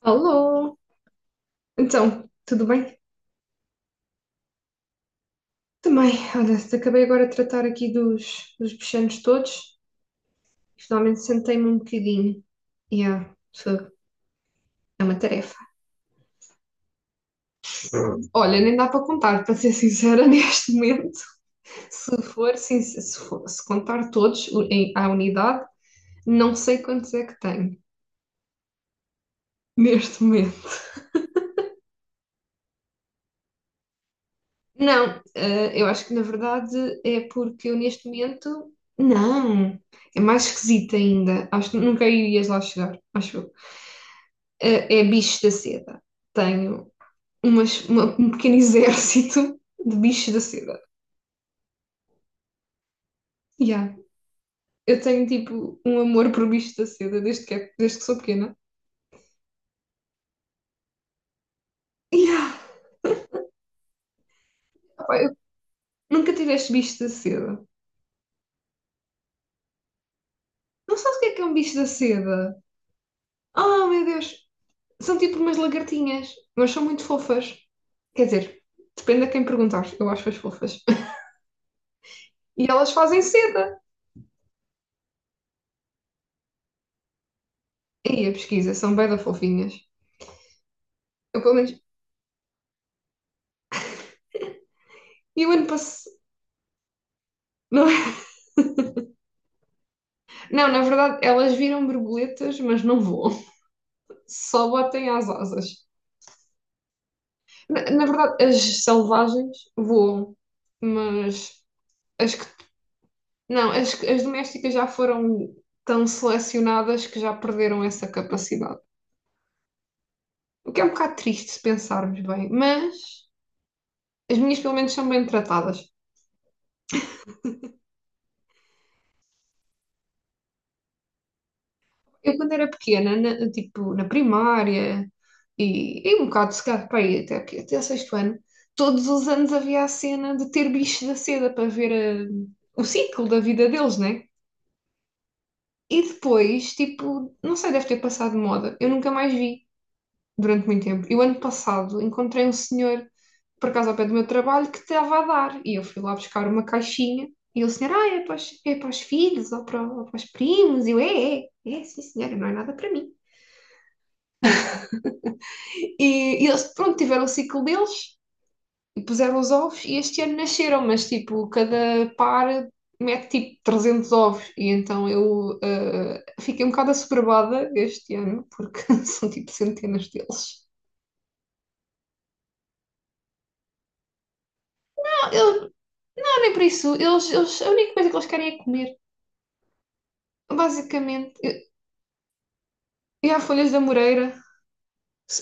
Alô! Então, tudo bem? Também, olha, acabei agora de tratar aqui dos bichanos todos e finalmente sentei-me um bocadinho. Yeah, fogo. É uma tarefa. Olha, nem dá para contar, para ser sincera, neste momento. Se for, sim, se contar todos em, à unidade, não sei quantos é que tenho neste momento. Não, eu acho que na verdade é porque eu neste momento. Não, é mais esquisito ainda. Acho que nunca irias lá chegar, acho eu. É bicho da seda. Tenho um pequeno exército de bichos da seda. Yeah. Eu tenho tipo um amor por bichos da seda desde que, desde que sou pequena. Yeah. Pá, eu nunca tive este bicho da seda. Não sabes o que é um bicho da seda? Oh meu Deus! São tipo umas lagartinhas, mas são muito fofas. Quer dizer, depende a quem perguntar, eu acho-as fofas. E elas fazem seda. E aí a pesquisa, são bem da fofinhas. Eu pelo menos. E o ano passado. Não é? Não, na verdade, elas viram borboletas, mas não voam. Só batem às asas. Na verdade, as selvagens voam, mas as que. Não, as domésticas já foram tão selecionadas que já perderam essa capacidade. O que é um bocado triste se pensarmos bem, mas as minhas pelo menos são bem tratadas. Eu quando era pequena, tipo, na primária e um bocado se calhar para aí, até, até o sexto ano, todos os anos havia a cena de ter bichos da seda para ver o ciclo da vida deles, né? E depois, tipo, não sei, deve ter passado de moda. Eu nunca mais vi durante muito tempo. E o ano passado encontrei um senhor, por acaso ao pé do meu trabalho, que estava a dar. E eu fui lá buscar uma caixinha. E o senhor, é para os, filhos ou para os primos. E eu, é, sim, senhora, não é nada para mim. E eles, pronto, tiveram o ciclo deles e puseram os ovos e este ano nasceram, mas tipo, cada par mete tipo 300 ovos e então eu fiquei um bocado assoberbada este ano porque são tipo centenas deles. Não, eu, não nem por isso, eles, a única coisa que eles querem é comer, basicamente. E há folhas da Moreira,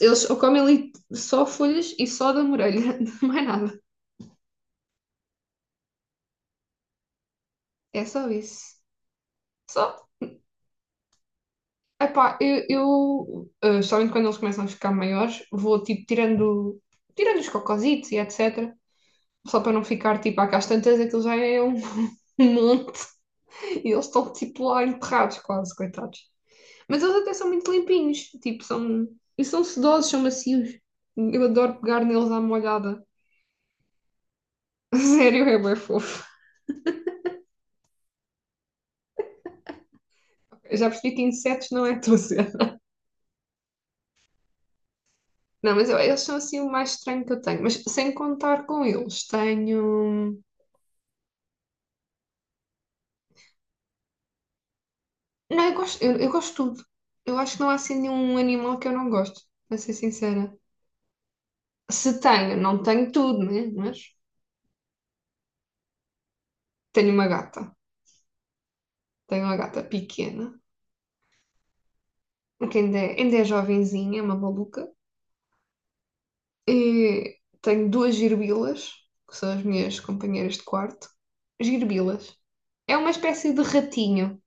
eles ou comem ali só folhas e só da Moreira, não é nada, é só isso. Só Epá, eu somente quando eles começam a ficar maiores, vou tipo tirando os cocositos e etc. Só para não ficar tipo cá às tantas, aquilo já é um monte e eles estão tipo lá enterrados quase, coitados. Mas eles até são muito limpinhos, tipo, são. E são sedosos, são macios. Eu adoro pegar neles à molhada. Sério, é bem fofo. Eu já percebi que insetos não é tudo cena. Não, mas eles são assim o mais estranho que eu tenho. Mas sem contar com eles, tenho. Não, eu gosto, eu gosto de tudo. Eu acho que não há assim nenhum animal que eu não gosto, para ser sincera. Se tenho, não tenho tudo, né? Mas tenho uma gata. Tenho uma gata pequena, que ainda é jovenzinha, é uma maluca. E tenho duas girbilas, que são as minhas companheiras de quarto. Girbilas. É uma espécie de ratinho.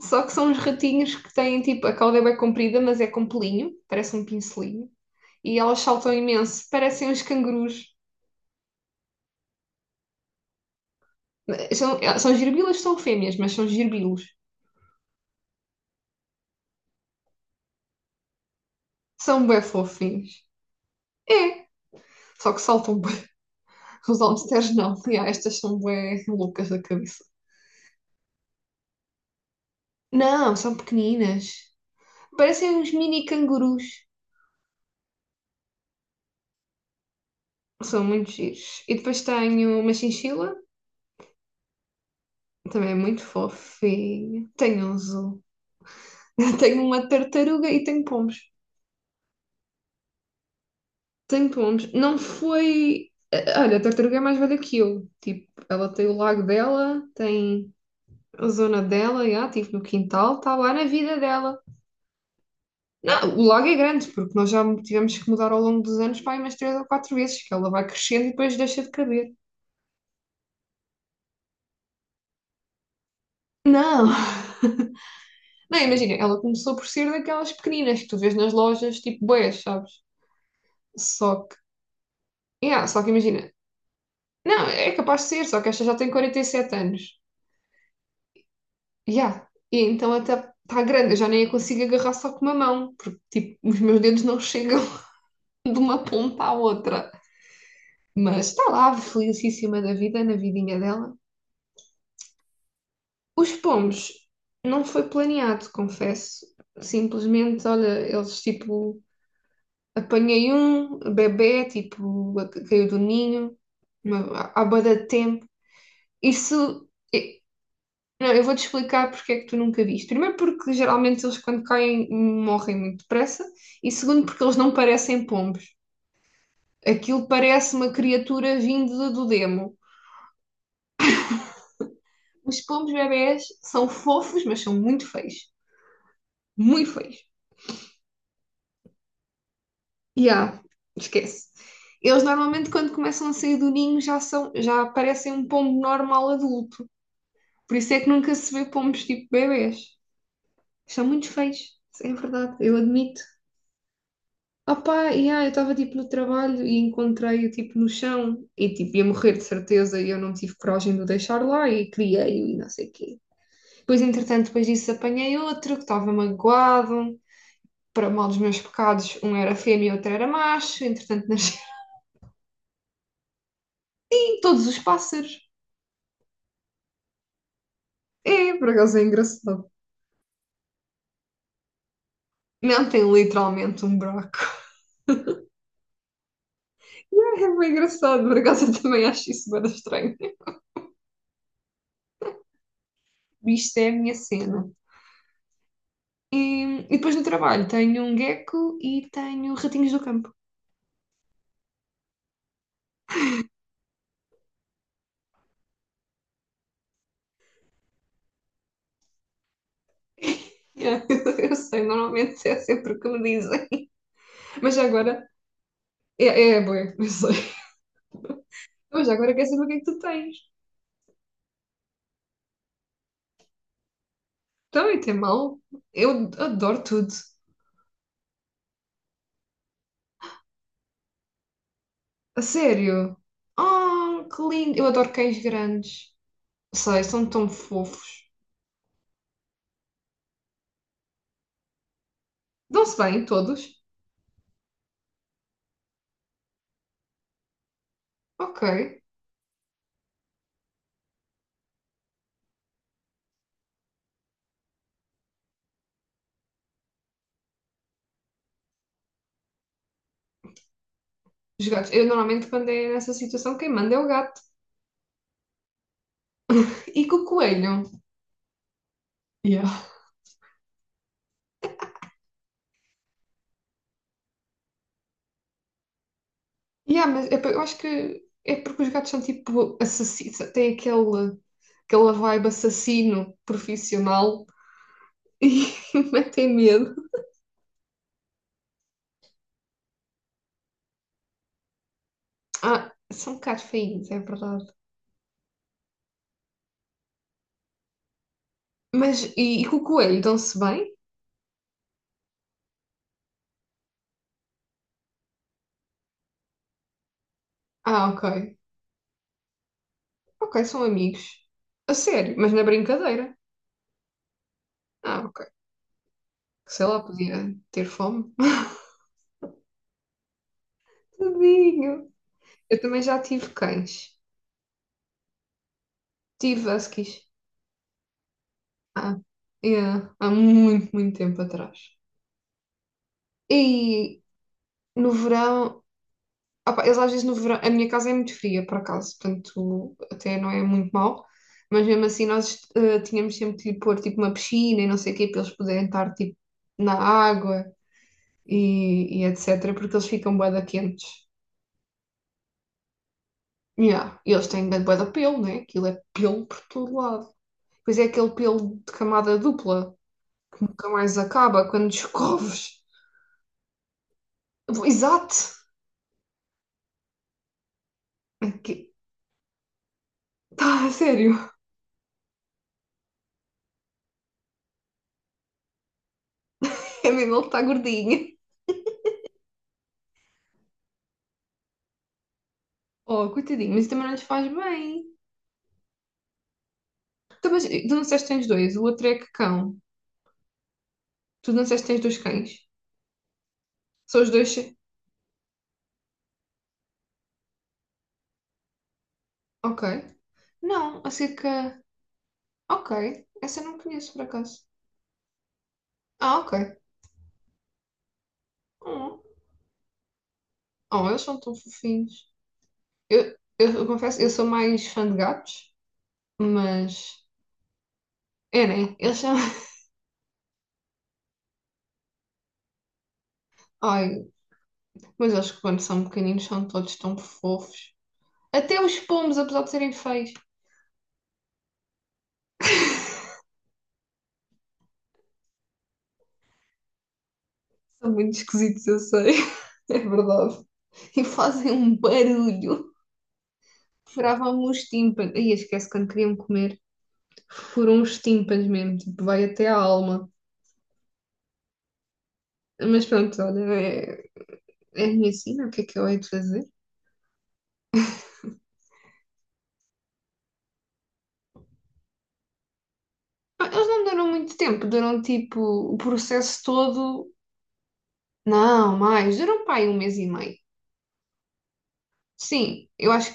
Só que são uns ratinhos que têm tipo, a cauda é bem comprida, mas é com pelinho, parece um pincelinho. E elas saltam imenso, parecem uns cangurus. São girbilas, são fêmeas, mas são girbilos. São bué fofinhos. É, só que saltam bué. Os hamsters não. Ya, estas são bué loucas da cabeça. Não, são pequeninas. Parecem uns mini cangurus. São muito giros. E depois tenho uma chinchila, também é muito fofinha. Tenho um zoo. Tenho uma tartaruga e tenho pombos. Tenho pombos. Não foi. Olha, a tartaruga é mais velha que eu. Tipo, ela tem o lago dela, tem a zona dela, já, estive no quintal, está lá na vida dela. Não, o lago é grande, porque nós já tivemos que mudar ao longo dos anos, pá, umas três ou quatro vezes, que ela vai crescendo e depois deixa de caber. Não! Não, imagina, ela começou por ser daquelas pequeninas que tu vês nas lojas, tipo boias, sabes? Só que, yeah, só que imagina, não, é capaz de ser, só que esta já tem 47 anos. Yeah. E então até está grande, eu já nem a consigo agarrar só com uma mão, porque tipo, os meus dedos não chegam de uma ponta à outra. Mas está lá, felicíssima da vida, na vidinha dela. Os pomos não foi planeado, confesso. Simplesmente, olha, eles tipo, apanhei um bebé, tipo, caiu do ninho, há bué de tempo. Isso, eh, não, eu vou-te explicar porque é que tu nunca viste. Primeiro porque geralmente eles quando caem morrem muito depressa e segundo porque eles não parecem pombos. Aquilo parece uma criatura vinda do demo. Os pombos bebês são fofos, mas são muito feios. Muito feios. E esquece. Eles normalmente, quando começam a sair do ninho, já parecem um pombo normal adulto. Por isso é que nunca se vê pombos tipo bebês. São muito feios. É verdade, eu admito. Opá, e eu estava tipo no trabalho e encontrei-o tipo no chão e tipo ia morrer de certeza e eu não tive coragem de o deixar lá e criei-o e não sei o quê. Depois, entretanto, depois disso apanhei outro que estava magoado para mal dos meus pecados, um era fêmea e outro era macho, entretanto nasci em todos os pássaros. É, por acaso é engraçado. Não tem literalmente um buraco. É bem engraçado, por acaso eu também acho isso bem estranho. Isto é a minha cena. E depois no trabalho tenho um gecko e tenho ratinhos do campo. Yeah, eu sei, normalmente é sempre o que me dizem. Mas já agora, é, é bué, eu sei. Mas agora quer saber o que é que tu tens. Também tem mal. Eu adoro tudo. A sério? Oh, que lindo! Eu adoro cães grandes. Sei, são tão fofos. Dão-se bem, todos? Ok. Os gatos. Eu normalmente, quando é nessa situação, quem manda é o gato e com o coelho. Yeah. Yeah, mas é eu acho que é porque os gatos são tipo assassinos, têm aquela vibe assassino profissional e metem medo. Ah, são um bocado feinhos, é verdade. Mas e com o coelho, dão-se bem? Ah, ok. Ok, são amigos. A sério, mas na brincadeira. Ah, ok. Sei lá, podia ter fome. Tadinho. Eu também já tive cães. Tive huskies. Ah, yeah, há muito, muito tempo atrás. E no verão, opá, eles às vezes no verão, a minha casa é muito fria, por acaso, portanto até não é muito mau, mas mesmo assim nós tínhamos sempre de pôr tipo uma piscina e não sei o quê, para eles poderem estar tipo na água e etc, porque eles ficam bué da quentes. Yeah. E eles têm grande bué de pelo, né? Aquilo é pelo por todo lado. Pois é aquele pelo de camada dupla, nunca mais acaba quando escoves. Exato! Aqui. Tá, a sério. É mesmo, ele está gordinho. Oh, coitadinho, mas também não lhes faz bem. Então, mas tu não disseste que tens dois, o outro é que cão. Tu não disseste que tens dois cães. São os dois. Ok. Não, acerca. Ok. Essa eu não conheço por acaso. Ah, ok. Oh, oh, eles são tão fofinhos. Eu confesso, eu sou mais fã de gatos. Mas é, né? Eles são. Ai, mas eles quando são pequeninos são todos tão fofos. Até os pombos, apesar de serem feios, são muito esquisitos, eu sei. É verdade. E fazem um barulho. Furavam-me os tímpanos. Ai, esquece quando queriam comer. Furam os tímpanos mesmo, tipo, vai até a alma. Mas pronto, olha, é a minha sina, o que é que eu hei de fazer? Ah, eles não duram muito tempo, duram tipo o processo todo. Não, mais, duram para aí um mês e meio. Sim, eu acho.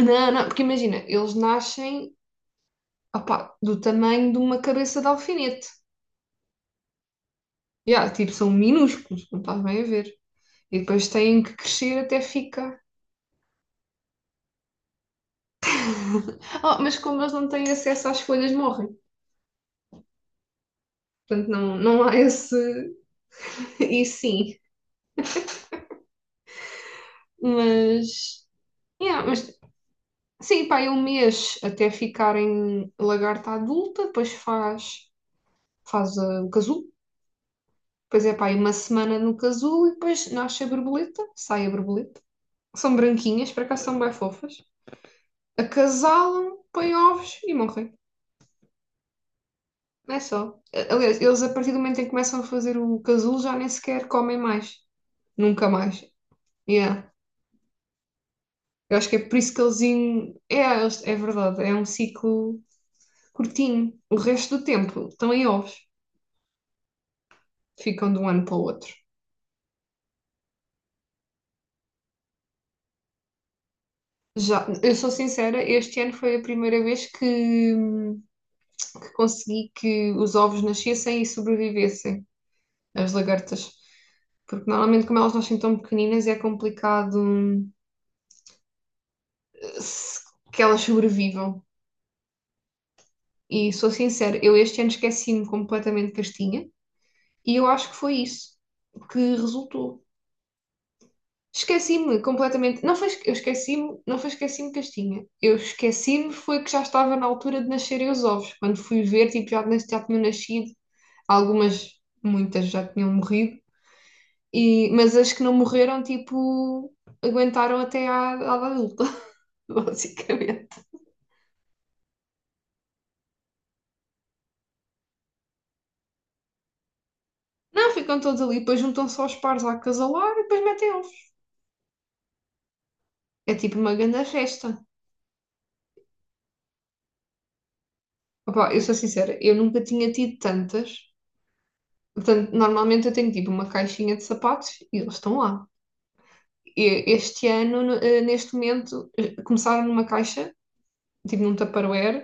Não, não, porque imagina, eles nascem, opá, do tamanho de uma cabeça de alfinete. Yeah, tipo, são minúsculos, não estás bem a ver. E depois têm que crescer até ficar. Oh, mas como eles não têm acesso às folhas, morrem. Portanto, não, não há esse. E sim, mas. Yeah, mas sim, pá, é um mês até ficarem lagarta adulta, depois faz o casulo. Depois é pá, aí uma semana no casulo e depois nasce a borboleta, sai a borboleta. São branquinhas, para cá são bem fofas. Acasalam, põem ovos e morrem. Não é só. Aliás, eles a partir do momento em que começam a fazer o casulo já nem sequer comem mais. Nunca mais. Yeah. Eu acho que é por isso que eles. É, é verdade, é um ciclo curtinho. O resto do tempo estão em ovos. Ficam de um ano para o outro. Já, eu sou sincera, este ano foi a primeira vez que, consegui que os ovos nascessem e sobrevivessem, as lagartas. Porque normalmente, como elas nascem tão pequeninas, é complicado se- que elas sobrevivam. E sou sincera, eu este ano esqueci-me completamente de Castinha e eu acho que foi isso que resultou. Esqueci-me completamente. Não foi, eu esqueci-me, não foi esqueci-me de Castinha. Eu esqueci-me foi que já estava na altura de nascerem os ovos. Quando fui ver, tipo, já, já tinham nascido. Algumas, muitas já tinham morrido. E, mas as que não morreram, tipo, aguentaram até à adulta, basicamente. Não, ficam todos ali, depois juntam-se aos pares a acasalar e depois metem um. É tipo uma grande festa. Opa, eu sou sincera, eu nunca tinha tido tantas. Portanto, normalmente eu tenho tipo uma caixinha de sapatos e eles estão lá. E este ano, neste momento, começaram numa caixa, tipo num Tupperware.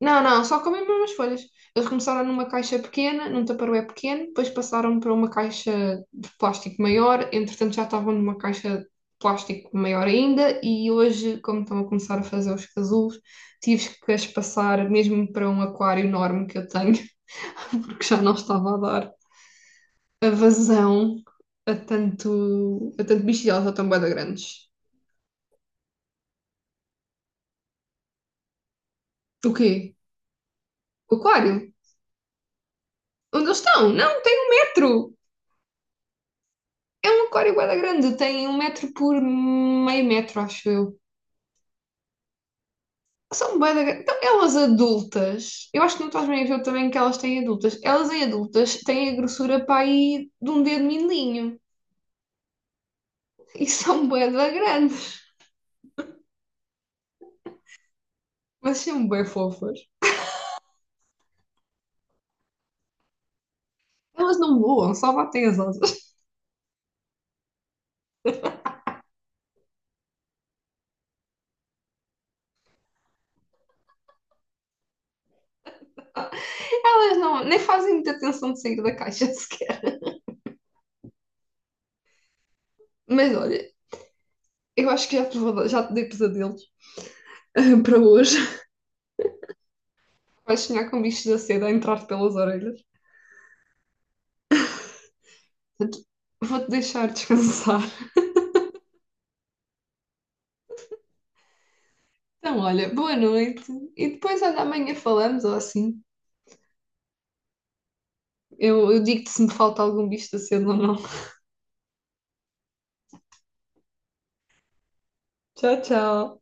Não, não, só comem mesmo as folhas. Eles começaram numa caixa pequena, num tupperware pequeno, depois passaram para uma caixa de plástico maior, entretanto já estavam numa caixa de plástico maior ainda, e hoje, como estão a começar a fazer os casulos, tive que as passar mesmo para um aquário enorme que eu tenho, porque já não estava a dar a vazão a tanto, bicho, e elas já estão bué da grandes. O quê? O aquário? Onde eles estão? Não, um tetro! É um aquário bué da grande, tem um metro por meio metro, acho eu. São bué da grande. Então, elas adultas, eu acho que não estás bem a ver o tamanho que elas têm adultas. Elas em adultas têm a grossura para aí de um dedo mindinho. E são bué da grandes, mas são bué fofas. Elas não voam, só batem as asas. Elas não, nem fazem muita tensão de sair da caixa sequer. Mas olha, eu acho que já te dei pesadelos para hoje. Vais sonhar com bichos da seda a entrar pelas orelhas. Portanto, vou-te deixar descansar. Então, olha, boa noite. E depois, olha, amanhã falamos ou assim. Eu digo-te se me falta algum bicho da cena ou não. Tchau, tchau.